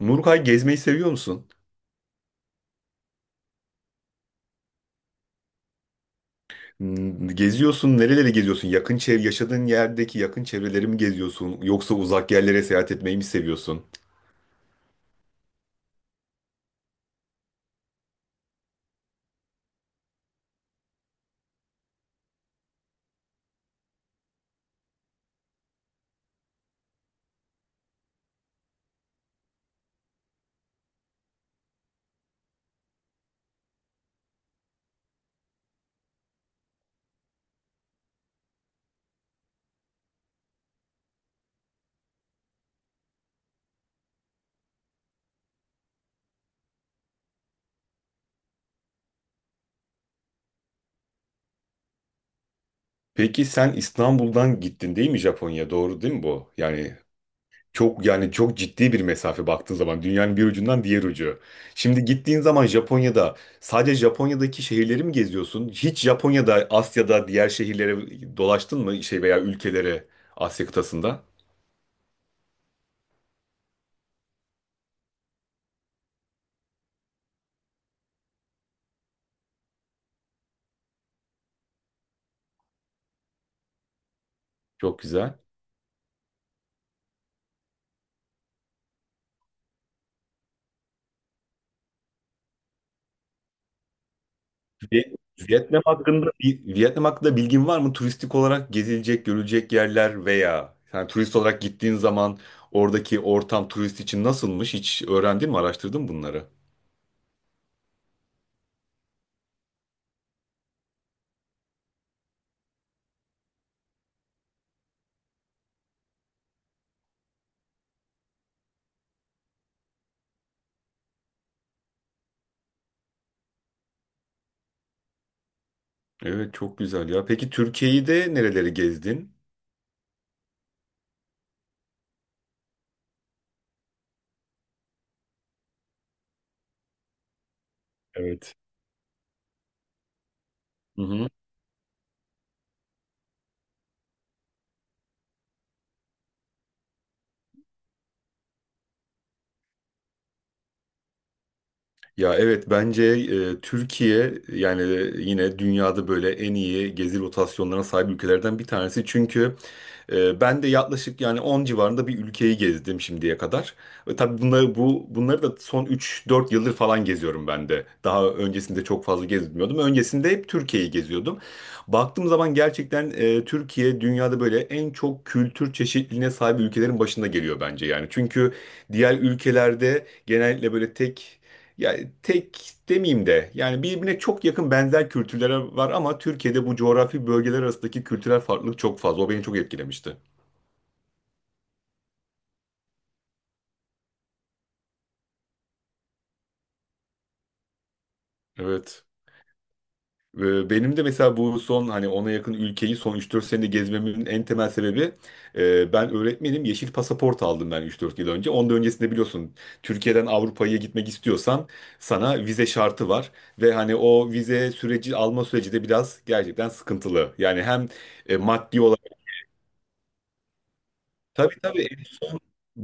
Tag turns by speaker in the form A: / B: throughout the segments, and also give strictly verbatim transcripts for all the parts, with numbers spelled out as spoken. A: Nurkay gezmeyi seviyor musun? Hmm, Geziyorsun, nereleri geziyorsun? Yakın çev yaşadığın yerdeki yakın çevreleri mi geziyorsun? Yoksa uzak yerlere seyahat etmeyi mi seviyorsun? Peki sen İstanbul'dan gittin değil mi Japonya? Doğru değil mi bu? Yani çok yani çok ciddi bir mesafe, baktığın zaman dünyanın bir ucundan diğer ucu. Şimdi gittiğin zaman Japonya'da sadece Japonya'daki şehirleri mi geziyorsun? Hiç Japonya'da, Asya'da diğer şehirlere dolaştın mı şey, veya ülkelere, Asya kıtasında? Çok güzel. Vi- Vietnam hakkında bir- Vietnam hakkında bilgin var mı? Turistik olarak gezilecek, görülecek yerler veya yani turist olarak gittiğin zaman oradaki ortam turist için nasılmış? Hiç öğrendin mi, araştırdın mı bunları? Evet, çok güzel ya. Peki Türkiye'yi de nereleri gezdin? Evet. Hı hı. Ya evet, bence e, Türkiye yani yine dünyada böyle en iyi gezi rotasyonlarına sahip ülkelerden bir tanesi. Çünkü Ee, ben de yaklaşık yani on civarında bir ülkeyi gezdim şimdiye kadar. Ve tabii bunları bu bunları da son üç dört yıldır falan geziyorum ben de. Daha öncesinde çok fazla gezmiyordum. Öncesinde hep Türkiye'yi geziyordum. Baktığım zaman gerçekten e, Türkiye dünyada böyle en çok kültür çeşitliliğine sahip ülkelerin başında geliyor bence yani. Çünkü diğer ülkelerde genellikle böyle tek, ya tek demeyeyim de yani birbirine çok yakın benzer kültürlere var, ama Türkiye'de bu coğrafi bölgeler arasındaki kültürel farklılık çok fazla. O beni çok etkilemişti. Evet. Ve benim de mesela bu son hani ona yakın ülkeyi son üç dört senede gezmemin en temel sebebi, e, ben öğretmenim, yeşil pasaport aldım ben üç dört yıl önce. Ondan öncesinde biliyorsun, Türkiye'den Avrupa'ya gitmek istiyorsan sana vize şartı var. Ve hani o vize süreci, alma süreci de biraz gerçekten sıkıntılı. Yani hem e, maddi olarak. Tabii, tabii.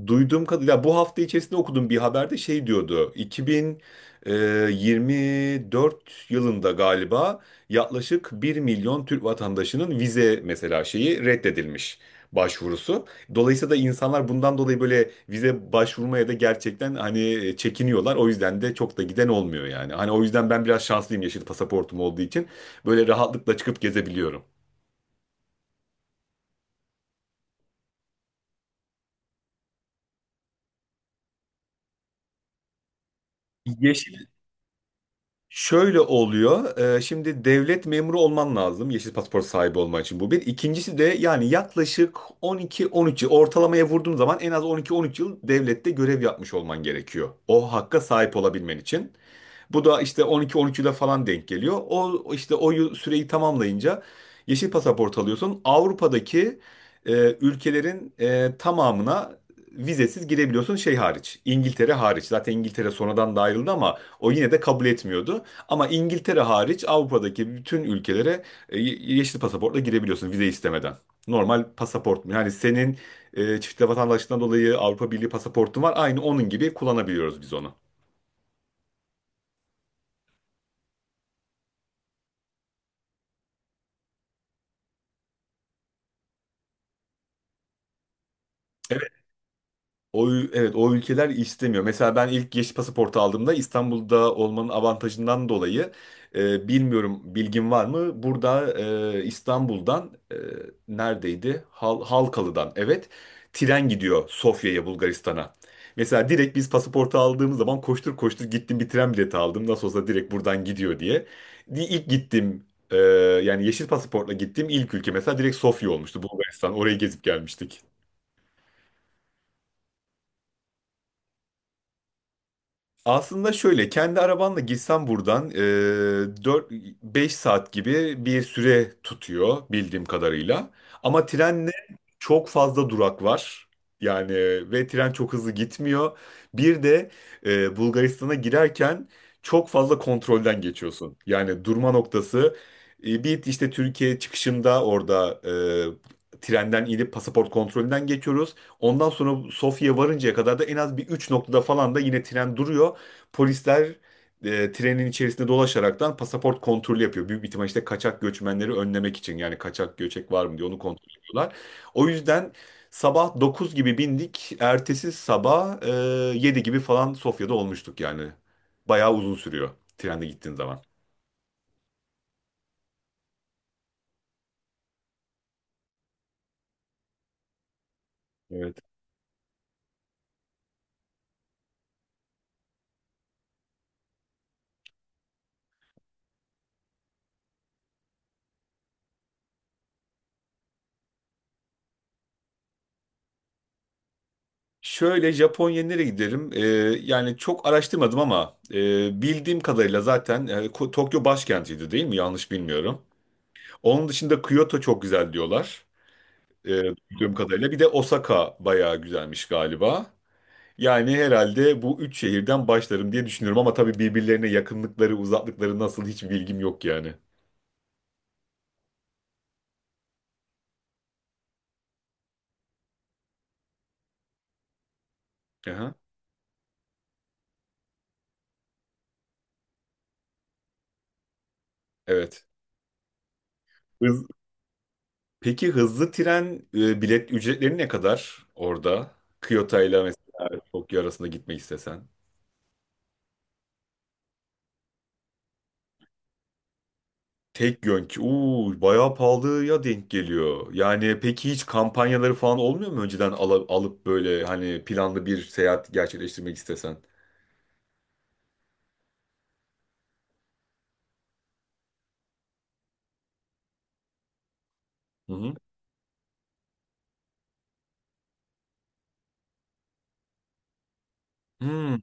A: Duyduğum kadarıyla bu hafta içerisinde okudum bir haberde, şey diyordu. iki bin yirmi dört yılında galiba yaklaşık bir milyon Türk vatandaşının vize, mesela şeyi reddedilmiş, başvurusu. Dolayısıyla da insanlar bundan dolayı böyle vize başvurmaya da gerçekten hani e, çekiniyorlar. O yüzden de çok da giden olmuyor yani. Hani o yüzden ben biraz şanslıyım, yeşil pasaportum olduğu için böyle rahatlıkla çıkıp gezebiliyorum. Yeşil Şöyle oluyor. E, şimdi devlet memuru olman lazım, yeşil pasaport sahibi olman için. Bu bir. İkincisi de yani yaklaşık on iki, on üç yıl, ortalamaya vurduğum zaman en az on iki, on üç yıl devlette görev yapmış olman gerekiyor, o hakka sahip olabilmen için. Bu da işte on iki on üçünde falan denk geliyor. O işte o yıl- süreyi tamamlayınca yeşil pasaport alıyorsun. Avrupa'daki e, ülkelerin e, tamamına vizesiz girebiliyorsun, şey hariç, İngiltere hariç. Zaten İngiltere sonradan da ayrıldı ama o yine de kabul etmiyordu. Ama İngiltere hariç Avrupa'daki bütün ülkelere e, ye- yeşil pasaportla girebiliyorsun vize istemeden. Normal pasaport. Yani senin e, çift vatandaşlığından dolayı Avrupa Birliği pasaportun var. Aynı onun gibi kullanabiliyoruz biz onu. O, ül- evet, o ülkeler istemiyor. Mesela ben ilk yeşil pasaportu aldığımda, İstanbul'da olmanın avantajından dolayı, e, bilmiyorum bilgin var mı, burada e, İstanbul'dan, e, neredeydi? Hal, Halkalı'dan, evet, tren gidiyor Sofya'ya, Bulgaristan'a. Mesela direkt biz pasaportu aldığımız zaman koştur koştur gittim, bir tren bileti aldım. Nasıl olsa direkt buradan gidiyor diye. Di- İlk gittim, yani yeşil pasaportla gittiğim ilk ülke mesela direkt Sofya olmuştu, Bulgaristan. Orayı gezip gelmiştik. Aslında şöyle, kendi arabanla gitsen buradan dört beş saat gibi bir süre tutuyor bildiğim kadarıyla. Ama trenle çok fazla durak var. Yani, ve tren çok hızlı gitmiyor. Bir de e, Bulgaristan'a girerken çok fazla kontrolden geçiyorsun. Yani durma noktası, e, bir işte Türkiye çıkışında orada e, trenden inip pasaport kontrolünden geçiyoruz. Ondan sonra Sofya'ya varıncaya kadar da en az bir üç noktada falan da yine tren duruyor. Polisler e, trenin içerisinde dolaşaraktan pasaport kontrolü yapıyor. Büyük bir ihtimal işte kaçak göçmenleri önlemek için, yani kaçak göçek var mı diye onu kontrol ediyorlar. O yüzden sabah dokuz gibi bindik. Ertesi sabah e, yedi gibi falan Sofya'da olmuştuk yani. Bayağı uzun sürüyor trende gittiğin zaman. Evet. Şöyle, Japonya'ya nereye gidelim? Ee, yani çok araştırmadım ama e, bildiğim kadarıyla zaten e, Ko- Tokyo başkentiydi değil mi? Yanlış bilmiyorum. Onun dışında Kyoto çok güzel diyorlar, E, duyduğum kadarıyla. Bir de Osaka bayağı güzelmiş galiba. Yani herhalde bu üç şehirden başlarım diye düşünüyorum, ama tabii birbirlerine yakınlıkları, uzaklıkları nasıl, hiç bilgim yok yani. Aha, evet. Hız- Peki hızlı tren e, bilet ücretleri ne kadar orada? Kyoto ile mesela Tokyo arasında gitmek istesen. Tek yönk. Uuu, bayağı pahalıya denk geliyor. Yani peki hiç kampanyaları falan olmuyor mu, önceden ala- alıp böyle hani planlı bir seyahat gerçekleştirmek istesen? Hı hı. Hmm.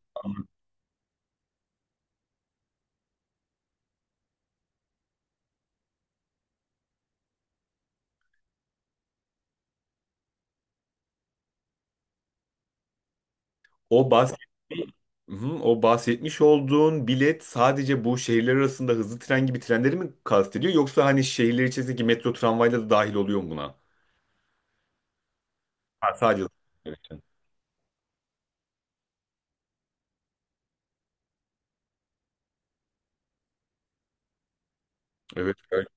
A: O bahsetmiş, o bahsetmiş olduğun bilet sadece bu şehirler arasında hızlı tren gibi trenleri mi kastediyor, yoksa hani şehirler içerisindeki metro, tramvayla da dahil oluyor mu buna? Ha, sadece. Evet. Evet. Evet.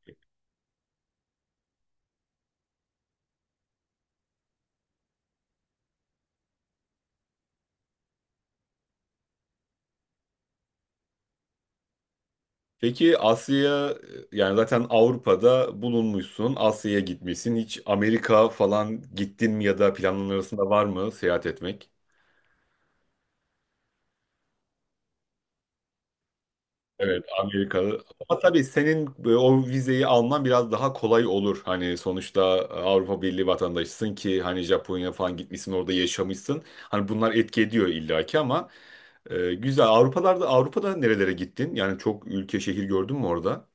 A: Peki Asya'ya, yani zaten Avrupa'da bulunmuşsun, Asya'ya gitmişsin. Hiç Amerika falan gittin mi ya da planların arasında var mı seyahat etmek? Evet, Amerikalı. Ama tabii senin e, o vizeyi alman biraz daha kolay olur. Hani sonuçta e, Avrupa Birliği vatandaşısın ki, hani Japonya falan gitmişsin, orada yaşamışsın. Hani bunlar etki ediyor illaki, ama e, güzel. Avrupalarda Avrupa'da nerelere gittin? Yani çok ülke, şehir gördün mü orada?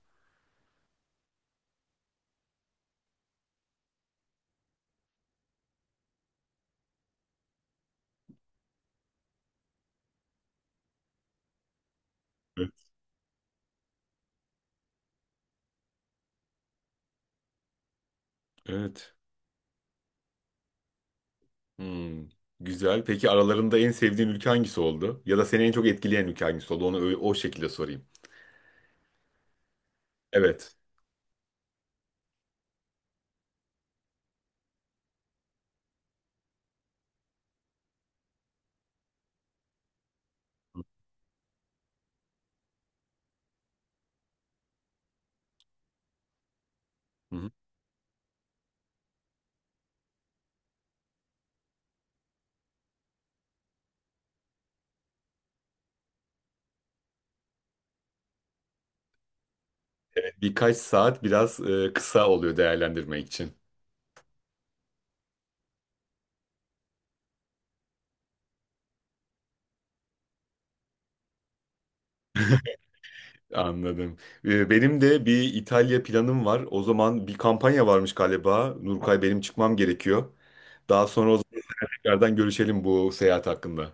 A: Evet. Evet. Hmm, güzel. Peki aralarında en sevdiğin ülke hangisi oldu? Ya da seni en çok etkileyen ülke hangisi oldu? Onu öyle- o şekilde sorayım. Evet. Hı hı. Birkaç saat biraz e, kısa oluyor değerlendirmek için. Anladım. Ee, Benim de bir İtalya planım var. O zaman bir kampanya varmış galiba. Nurkay, benim çıkmam gerekiyor. Daha sonra o zaman tekrardan görüşelim bu seyahat hakkında.